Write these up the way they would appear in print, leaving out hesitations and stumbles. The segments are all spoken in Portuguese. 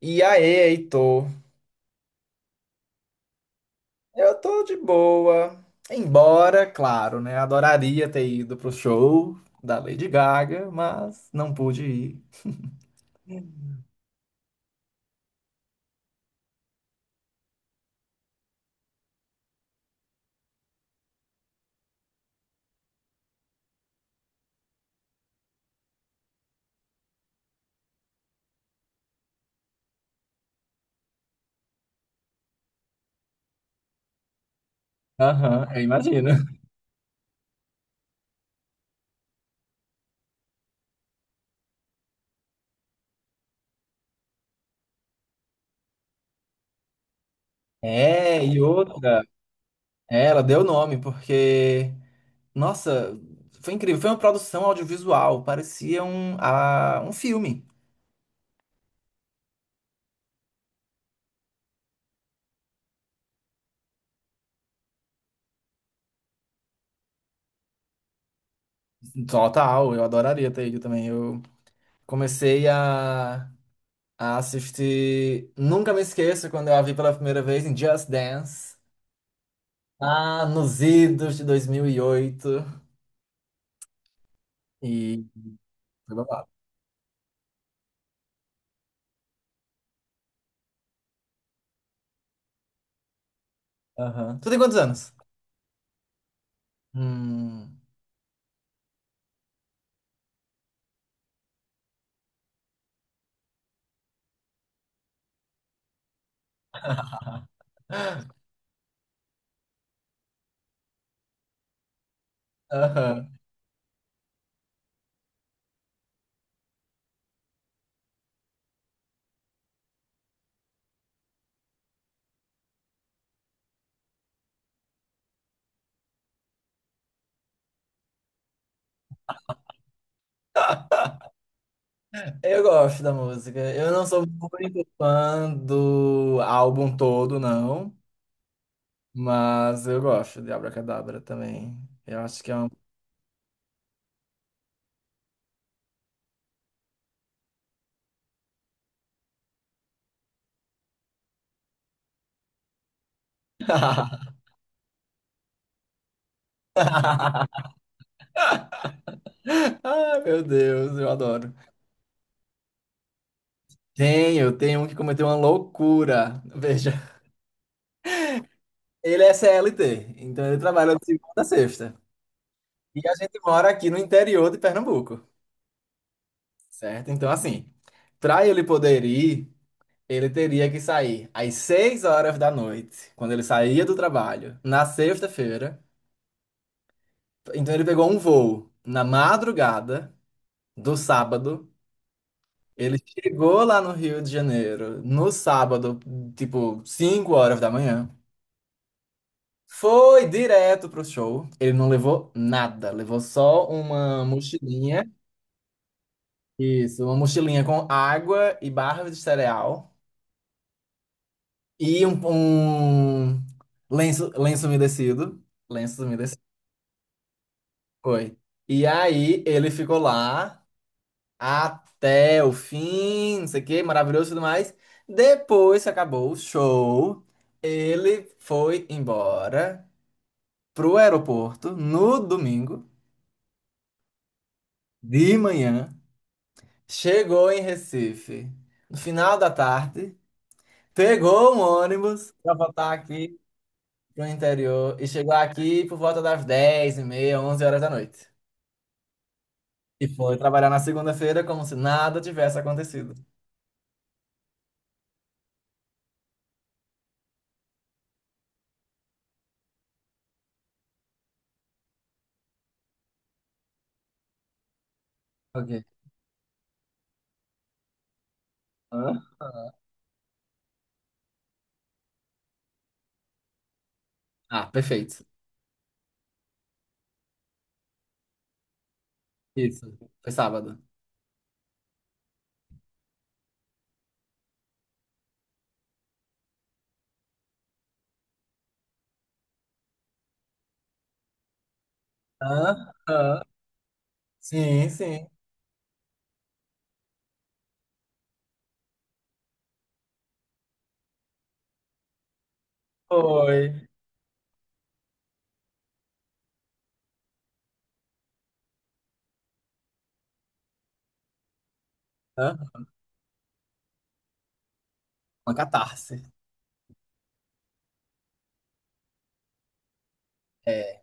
E aí, Heitor? Eu tô de boa. Embora, claro, né? Adoraria ter ido pro show da Lady Gaga, mas não pude ir. Aham, eu imagino. É, e outra. Ela deu nome, porque. Nossa, foi incrível. Foi uma produção audiovisual. Parecia um filme. Total, eu adoraria ter ido também. Eu comecei a assistir. Nunca me esqueço quando eu a vi pela primeira vez em Just Dance. Ah, nos idos de 2008. E oito. E foi babado. Aham. Tu tem quantos anos? Hum. Aham. Eu gosto da música. Eu não sou muito fã do álbum todo, não. Mas eu gosto de Abracadabra também. Eu acho que é um. Ah, meu Deus, eu adoro. Tenho, tem um que cometeu uma loucura. Veja, ele é CLT, então ele trabalha de segunda a sexta. E a gente mora aqui no interior de Pernambuco. Certo? Então, assim, para ele poder ir, ele teria que sair às 6 horas da noite, quando ele saía do trabalho, na sexta-feira. Então, ele pegou um voo na madrugada do sábado. Ele chegou lá no Rio de Janeiro no sábado, tipo, 5 horas da manhã. Foi direto pro show. Ele não levou nada, levou só uma mochilinha. Isso, uma mochilinha com água e barra de cereal. E um lenço umedecido. Lenço umedecido. Foi. E aí ele ficou lá até o fim, não sei o quê, maravilhoso e tudo mais. Depois que acabou o show, ele foi embora pro aeroporto no domingo de manhã. Chegou em Recife no final da tarde, pegou um ônibus pra voltar aqui pro interior e chegou aqui por volta das 10h30, 11 horas da noite. E foi trabalhar na segunda-feira como se nada tivesse acontecido. Ok. Hã? Ah, perfeito. Isso. Foi sábado. Hã? Hã? Sim, sim. Foi. Hã? Uma catarse. É.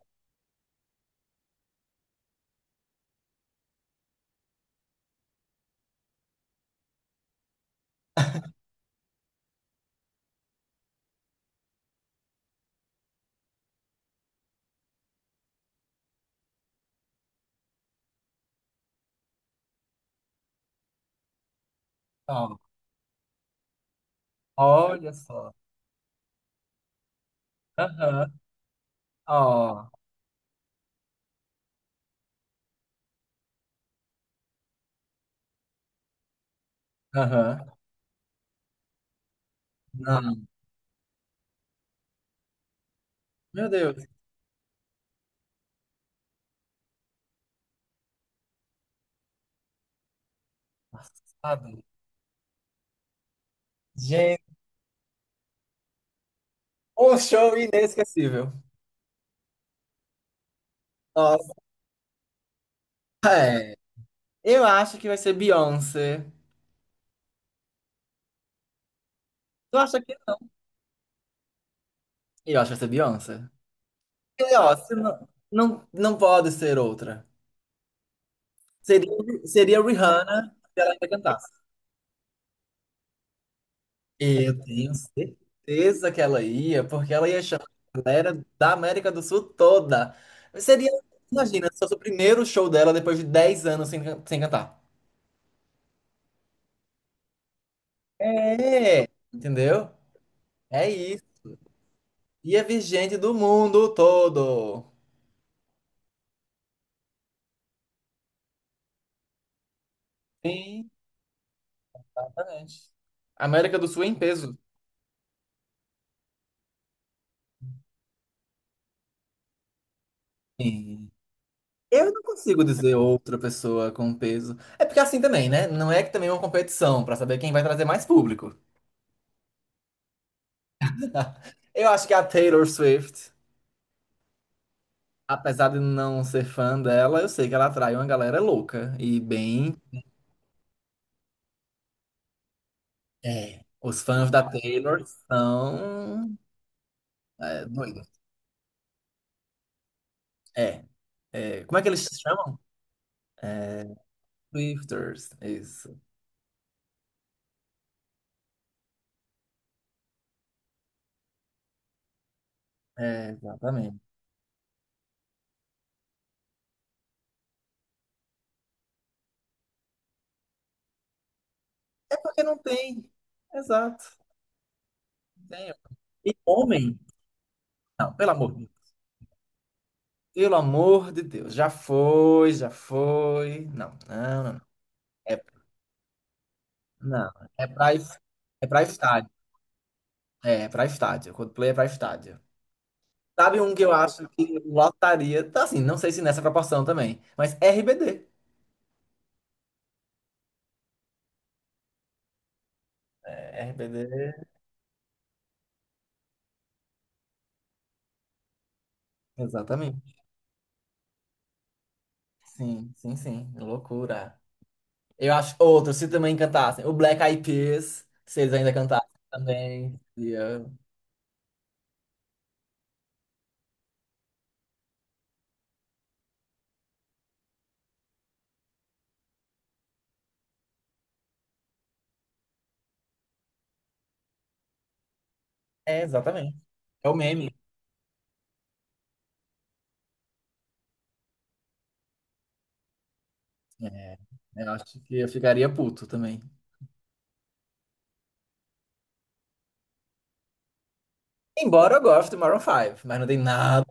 Ó, olha só. Aham. Ó. Aham. Não. Meu Deus. Passado. Gente, um show inesquecível. Nossa, é. Eu acho que vai ser Beyoncé. Tu acha que E eu acho que vai ser Beyoncé. E, ó, se não, não pode ser outra. Seria, seria Rihanna se ela ainda cantasse. Eu tenho certeza que ela ia, porque ela ia chamar a galera da América do Sul toda. Seria, imagina, se fosse o primeiro show dela depois de 10 anos sem, sem cantar. É, entendeu? É isso. Ia vir gente do mundo todo. Sim, exatamente. América do Sul em peso. Sim. Eu não consigo dizer outra pessoa com peso. É porque é assim também, né? Não é que também é uma competição pra saber quem vai trazer mais público. Eu acho que a Taylor Swift, apesar de não ser fã dela, eu sei que ela atrai uma galera louca e bem. É. Os fãs da Taylor são doidos. É, Como é que eles se chamam? Swifters. Isso. É, exatamente. É porque não tem. Exato. Não tem. E homem? Não, pelo amor. Pelo amor de Deus, já foi, já foi. Não. É, não, é pra, es- é pra estádio. É, é pra estádio. Coldplay é pra estádio. Sabe um que eu acho que lotaria? Tá assim, não sei se nessa proporção também, mas RBD. É, RBD. Exatamente. Sim. Loucura. Eu acho outro, se também cantassem. O Black Eyed Peas, se eles ainda cantassem também. É, exatamente. É o meme. É, eu acho que eu ficaria puto também. Embora eu goste do Maroon 5, mas não tem nada.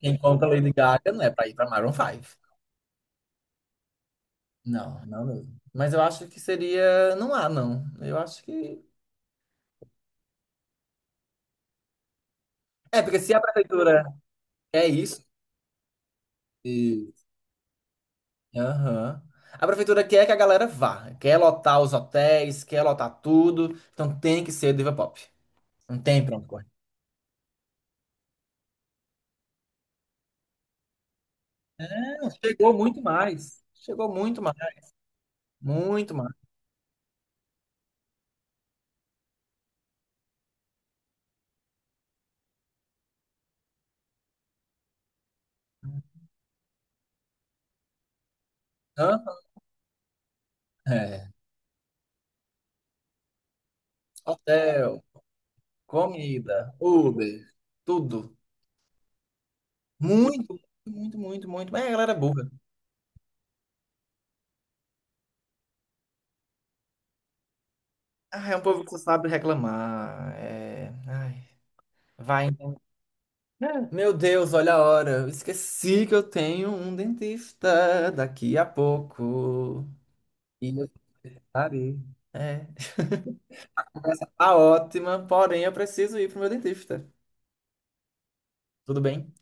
Quem compra Lady Gaga não é pra ir pra Maroon 5. Não, não mesmo. Mas eu acho que seria. Não há, não. Eu acho que. É, porque se a prefeitura quer isso. e- Aham. A prefeitura quer que a galera vá. Quer lotar os hotéis, quer lotar tudo. Então tem que ser diva pop. Não tem pronto correr. Não, chegou muito mais. Chegou muito mais. Muito mais. Hã? É. Hotel, comida, Uber, tudo. Muito, muito. Mas a galera é burra. Ah, é um povo que só sabe reclamar. É... Ai, vai. Então. É, meu Deus, olha a hora. Eu esqueci que eu tenho um dentista daqui a pouco. E eu estarei É. Tá ótima, porém eu preciso ir pro meu dentista. Tudo bem?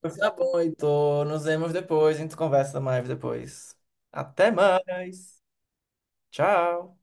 Pois tá bom, Heitor. Nos vemos depois. A gente conversa mais depois. Até mais. Tchau.